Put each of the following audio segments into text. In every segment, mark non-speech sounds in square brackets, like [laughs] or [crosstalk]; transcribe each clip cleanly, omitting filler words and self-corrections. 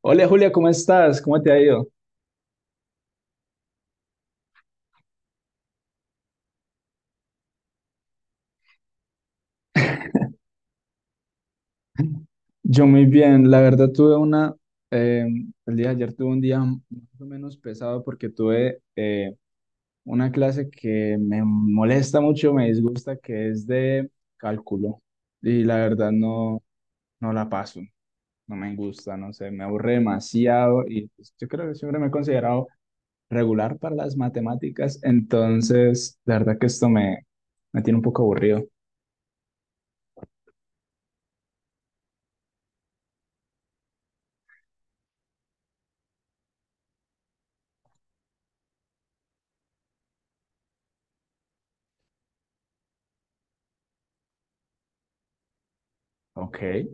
Hola Julia, ¿cómo estás? ¿Cómo te ha ido? Yo muy bien, la verdad tuve eh, el día de ayer tuve un día más o menos pesado porque tuve una clase que me molesta mucho, me disgusta, que es de cálculo y la verdad no la paso, no me gusta, no sé, me aburre demasiado y pues, yo creo que siempre me he considerado regular para las matemáticas, entonces la verdad que esto me tiene un poco aburrido. Ok.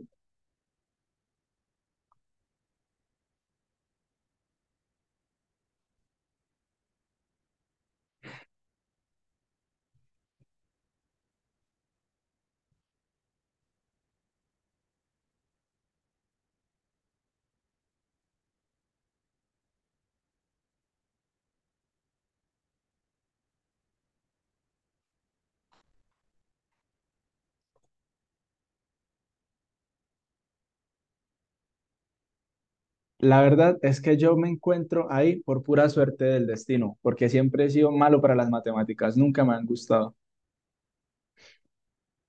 La verdad es que yo me encuentro ahí por pura suerte del destino, porque siempre he sido malo para las matemáticas, nunca me han gustado.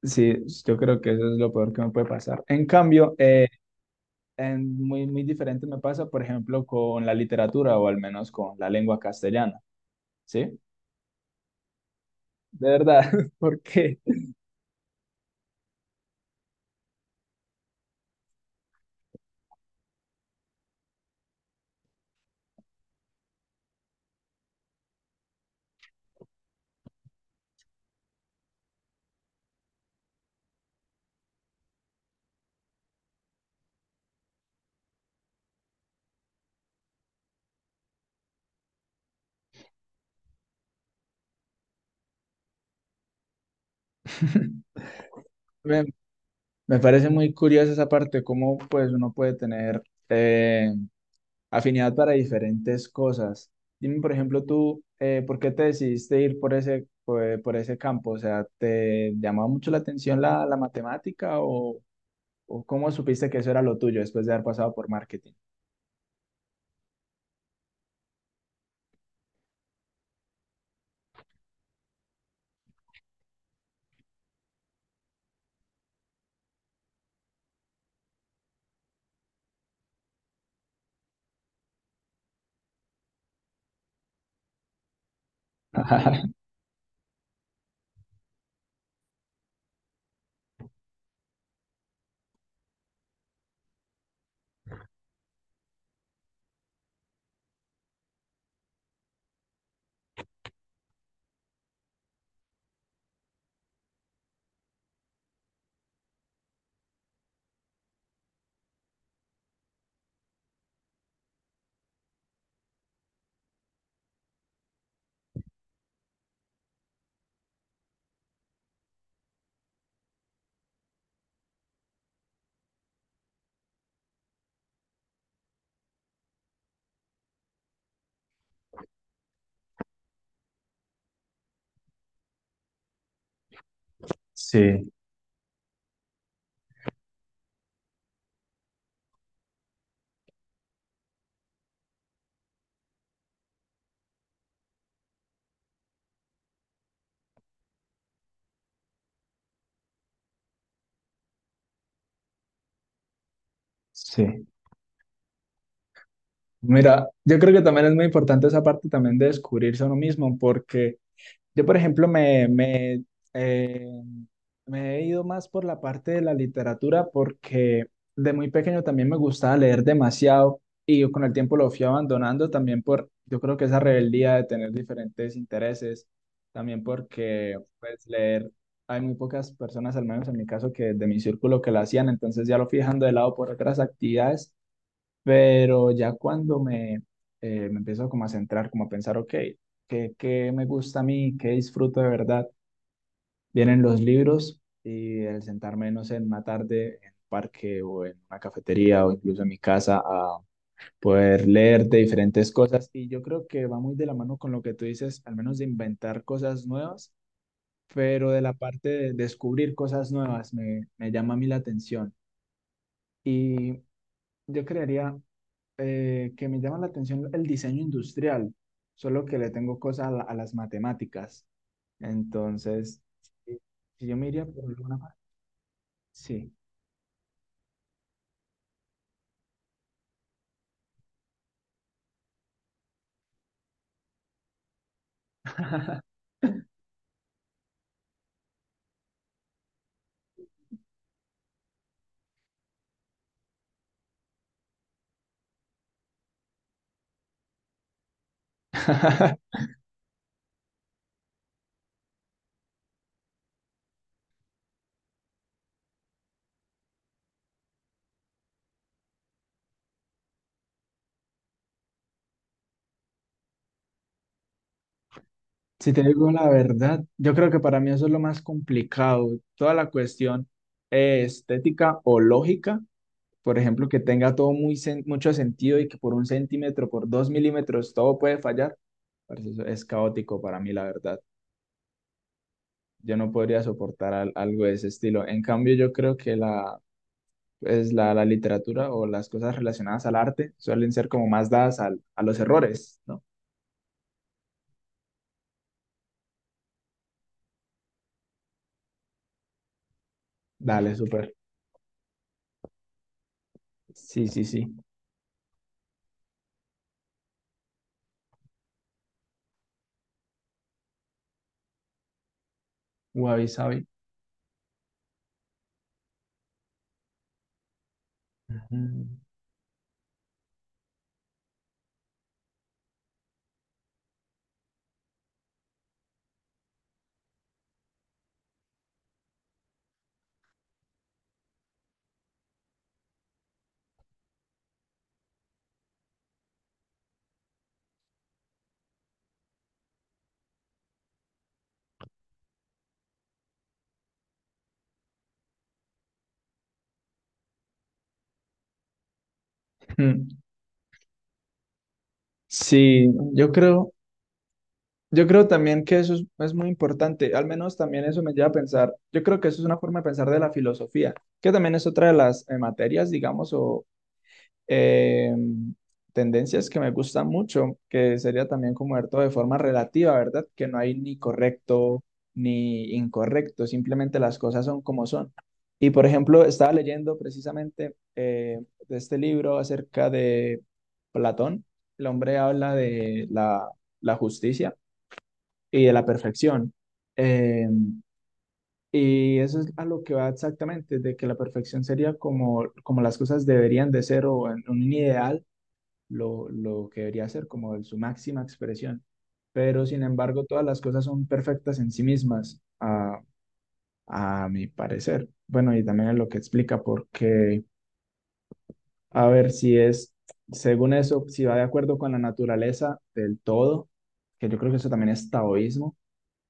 Sí, yo creo que eso es lo peor que me puede pasar. En cambio, en muy, muy diferente me pasa, por ejemplo, con la literatura o al menos con la lengua castellana, ¿sí? De verdad, [laughs] porque [laughs] me, me parece muy curiosa esa parte, cómo pues uno puede tener... eh, afinidad para diferentes cosas. Dime, por ejemplo, tú, ¿por qué te decidiste ir por por ese campo? O sea, ¿te llamaba mucho la atención la matemática o cómo supiste que eso era lo tuyo después de haber pasado por marketing? [laughs] Ajá, sí, sí. Mira, yo creo que también es muy importante esa parte también de descubrirse a uno mismo, porque yo, por ejemplo, eh, me he ido más por la parte de la literatura porque de muy pequeño también me gustaba leer demasiado y yo con el tiempo lo fui abandonando también por, yo creo que esa rebeldía de tener diferentes intereses, también porque pues leer, hay muy pocas personas, al menos en mi caso, que de mi círculo que lo hacían, entonces ya lo fui dejando de lado por otras actividades, pero ya cuando me empiezo como a centrar, como a pensar, ok, ¿qué, qué me gusta a mí? ¿Qué disfruto de verdad? Vienen los libros y el sentarme, no sé, en una tarde en un parque o en una cafetería o incluso en mi casa a poder leer de diferentes cosas. Y yo creo que va muy de la mano con lo que tú dices, al menos de inventar cosas nuevas, pero de la parte de descubrir cosas nuevas me llama a mí la atención. Y yo crearía... que me llama la atención el diseño industrial, solo que le tengo cosas a, a las matemáticas. Entonces, si si yo me iría por alguna parte, sí. Si te digo la verdad, yo creo que para mí eso es lo más complicado. Toda la cuestión estética o lógica, por ejemplo, que tenga todo mucho sentido y que por un centímetro, por dos milímetros, todo puede fallar. Parce, eso es caótico para mí, la verdad. Yo no podría soportar algo de ese estilo. En cambio, yo creo que pues la literatura o las cosas relacionadas al arte suelen ser como más dadas a los errores, ¿no? Dale, súper. Sí, sí, sí. Wabi sabi. Ujú. Mm. Sí, yo creo, yo creo también que es muy importante, al menos también eso me lleva a pensar, yo creo que eso es una forma de pensar de la filosofía, que también es otra de las materias, digamos, o, eh, tendencias que me gustan mucho, que sería también como ver todo de forma relativa, ¿verdad? Que no hay ni correcto ni incorrecto, simplemente las cosas son como son. Y por ejemplo, estaba leyendo precisamente de este libro acerca de Platón. El hombre habla de la justicia y de la perfección. Eh, y eso es a lo que va exactamente, de que la perfección sería como, como las cosas deberían de ser o en un ideal lo que debería ser como su máxima expresión. Pero sin embargo, todas las cosas son perfectas en sí mismas, a mi parecer. Bueno, y también es lo que explica, porque, a ver, si es, según eso, si va de acuerdo con la naturaleza del todo, que yo creo que eso también es taoísmo,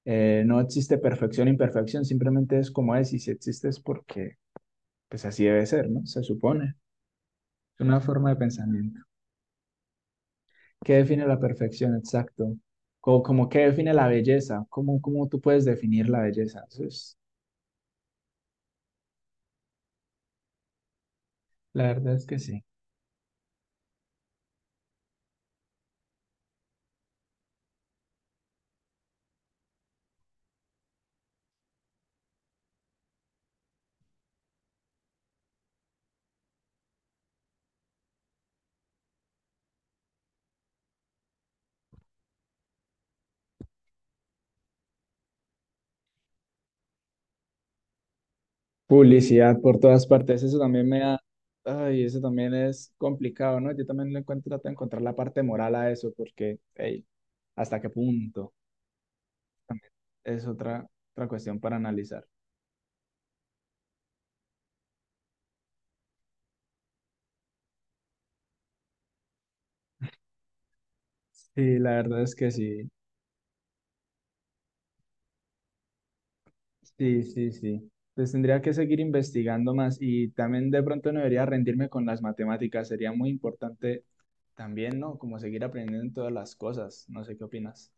no existe perfección, imperfección, simplemente es como es, y si existe es porque, pues así debe ser, ¿no? Se supone. Es una forma de pensamiento. ¿Qué define la perfección? Exacto. Como, como qué define la belleza. ¿Cómo, cómo tú puedes definir la belleza? Eso es, la verdad es que sí. Publicidad por todas partes. Eso también me da, ay, eso también es complicado, ¿no? Yo también le encuentro, trato de encontrar la parte moral a eso, porque, hey, ¿hasta qué punto? También es otra, otra cuestión para analizar. Sí, la verdad es que sí. Sí, sí, sí. Pues tendría que seguir investigando más y también de pronto no debería rendirme con las matemáticas. Sería muy importante también, ¿no? Como seguir aprendiendo en todas las cosas. No sé qué opinas.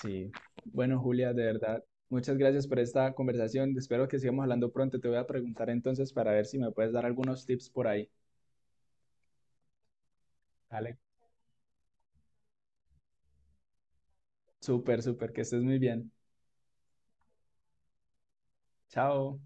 Sí. Bueno, Julia, de verdad, muchas gracias por esta conversación. Espero que sigamos hablando pronto. Te voy a preguntar entonces para ver si me puedes dar algunos tips por ahí. Vale. Súper, súper, que estés muy bien. Chao.